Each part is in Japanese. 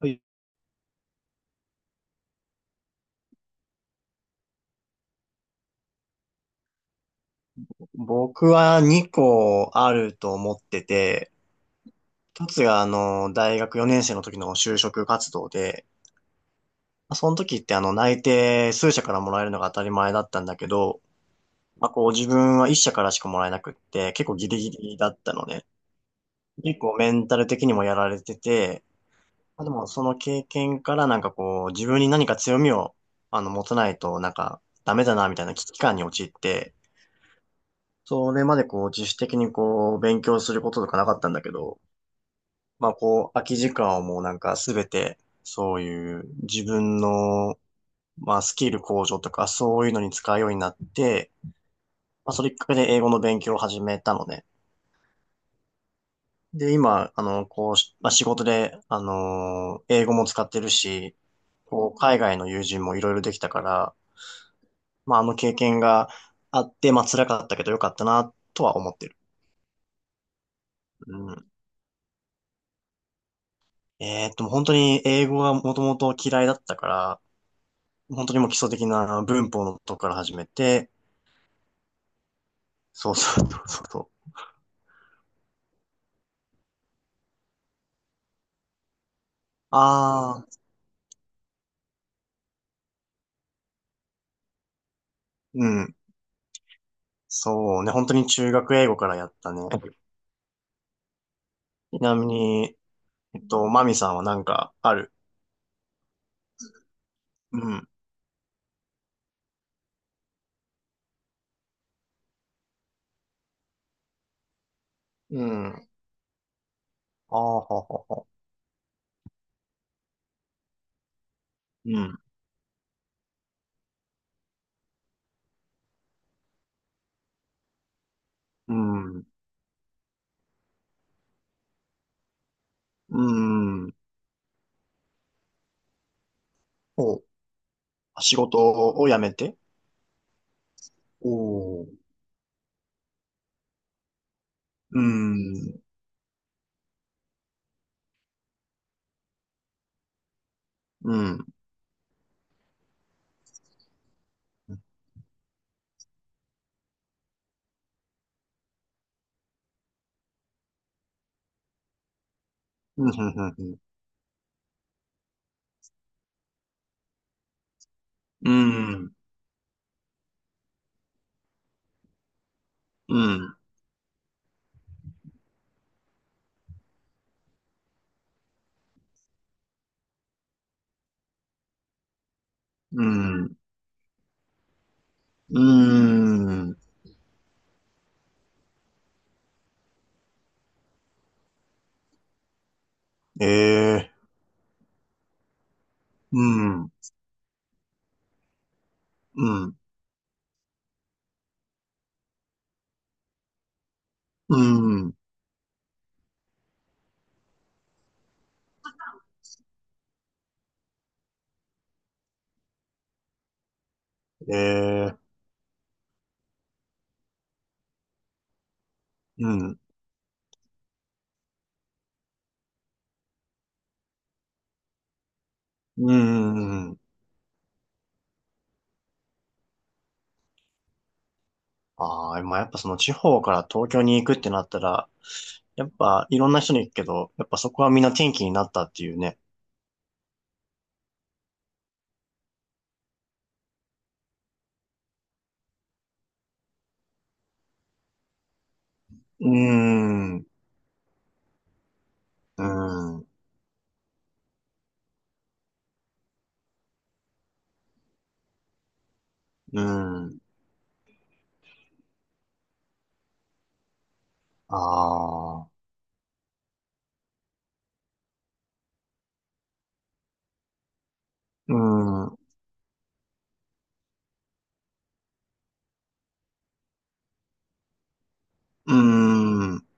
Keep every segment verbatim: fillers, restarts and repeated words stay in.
はい。僕はにこあると思ってて、一つがあの、大学よねん生の時の就職活動で、まあその時ってあの、内定数社からもらえるのが当たり前だったんだけど、まあこう自分はいっ社からしかもらえなくって、結構ギリギリだったのね。結構メンタル的にもやられてて、まあでもその経験からなんかこう、自分に何か強みをあの、持たないとなんかダメだなみたいな危機感に陥って、それまでこう、自主的にこう、勉強することとかなかったんだけど、まあこう、空き時間をもうなんかすべて、そういう自分の、まあスキル向上とかそういうのに使うようになって、まあそれきっかけで英語の勉強を始めたのね。で、今、あの、こうし、まあ仕事で、あの、英語も使ってるし、こう、海外の友人もいろいろできたから、まああの経験があって、まあ辛かったけどよかったな、とは思ってる。うん。えーっと、本当に英語がもともと嫌いだったから、本当にもう基礎的な文法のとこから始めて、そうそうそうそうそう。ああ、うん。そうね、本当に中学英語からやったね。ちなみに、えっと、マミさんはなんかある。うん。うん。ああ、ははは。うん。うん。うん。お、仕事を辞めて。おおー。うん。うん。うん。うん。うん。うん。うん。うん。うん。うーん。ええ。うん。うん。うん。ええ。うん。うん。ああ、まあ、やっぱその地方から東京に行くってなったら、やっぱいろんな人に行くけど、やっぱそこはみんな転機になったっていうね。うーん。うーん。うーん。ああ。うーん。うーん。うん。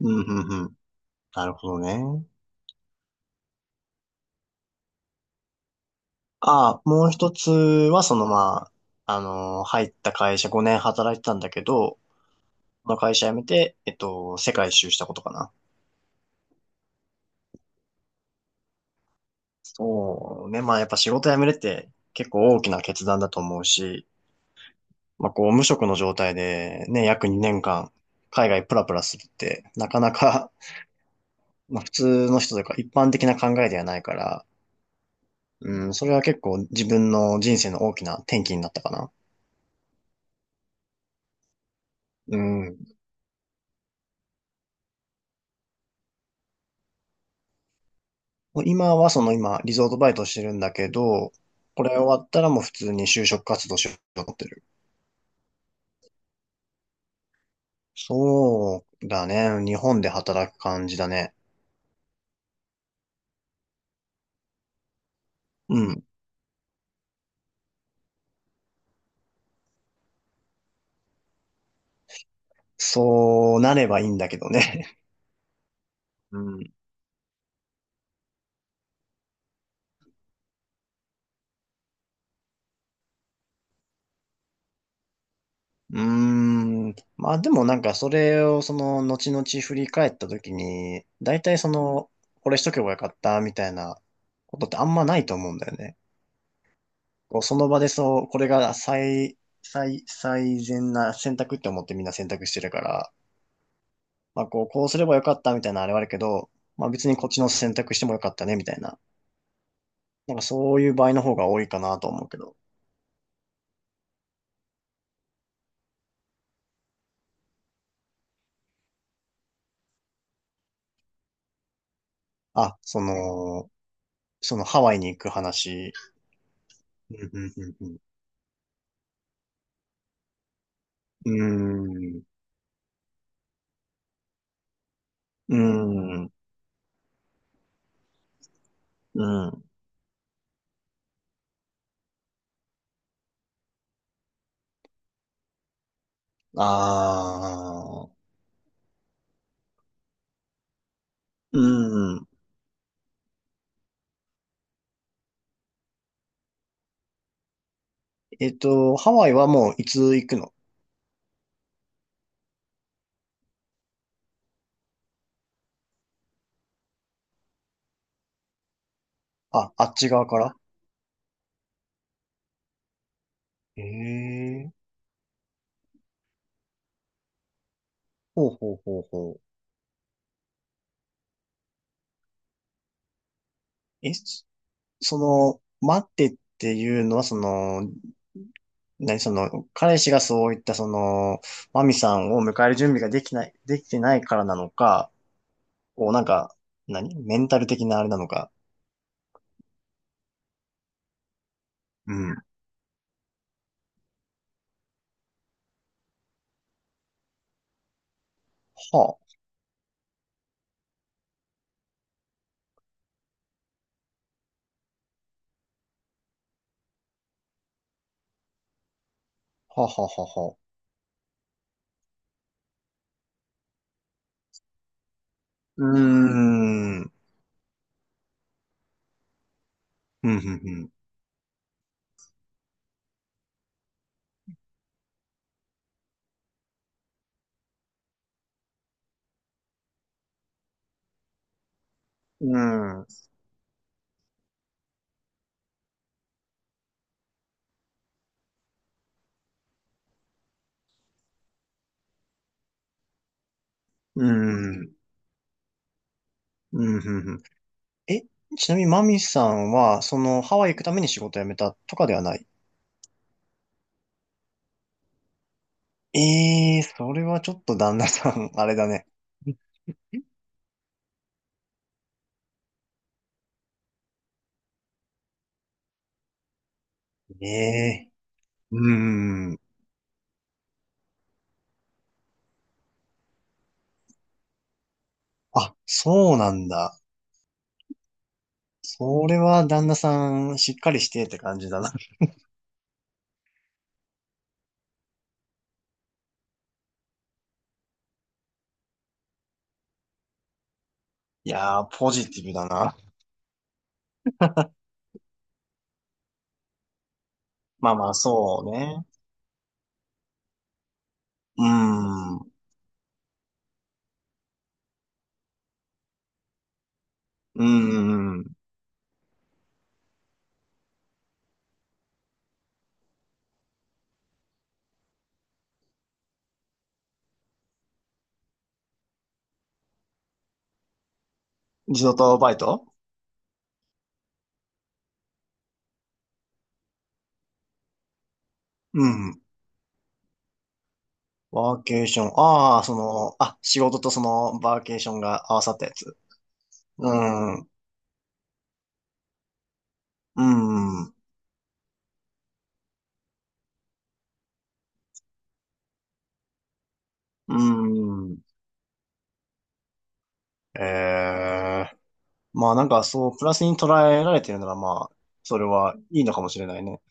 うん。うん。なるほどね。ああ、もう一つは、そのまあ、あのー入った会社ごねん働いてたんだけど、この会社辞めて、えっと、世界一周したことかな。そうね。まあやっぱ仕事辞めるって結構大きな決断だと思うし、まあこう無職の状態でね、約にねんかん海外プラプラするってなかなか、まあ普通の人というか一般的な考えではないから、うん、それは結構自分の人生の大きな転機になったかな。うん。今はその今リゾートバイトしてるんだけど、これ終わったらもう普通に就職活動しようと思ってる。そうだね。日本で働く感じだね。うん。そうなればいいんだけどね。うん。うーん。まあでもなんかそれをその後々振り返った時に、大体その、これしとけばよかったみたいなことってあんまないと思うんだよね。こうその場でそう、これが最、最、最善な選択って思ってみんな選択してるから、まあこう、こうすればよかったみたいなのあれはあるけど、まあ別にこっちの選択してもよかったねみたいな。なんかそういう場合の方が多いかなと思うけど。あ、その、そのハワイに行く話。うんうんうんうん。うーん。うん。ああ。うん。えっと、ハワイはもういつ行くの。あ、あっち側から。ええー。ほうほうほうほう。え、そその、待ってっていうのは、その、何その、彼氏がそういった、その、マミさんを迎える準備ができない、できてないからなのか、こう、なんか、何メンタル的なあれなのか。うん。はあ、はあ、はあ、はあ、は。うーん、うん、うん、うん、うん、うん、うん。うん。え、ちなみにマミさんは、その、ハワイ行くために仕事辞めたとかではない。ええー、それはちょっと旦那さん、あれだね。ええ。うん。うーん。あ、そうなんだ。それは旦那さん、しっかりしてって感じだな。いやー、ポジティブだな。まあまあ、そうね。うーん。うーん。リゾートバイト。うん。ワーケーション。ああ、その、あ、仕事とその、バーケーションが合わさったやつ。うん。うん。うん。ええ。まあなんかそう、プラスに捉えられてるならまあ、それはいいのかもしれないね。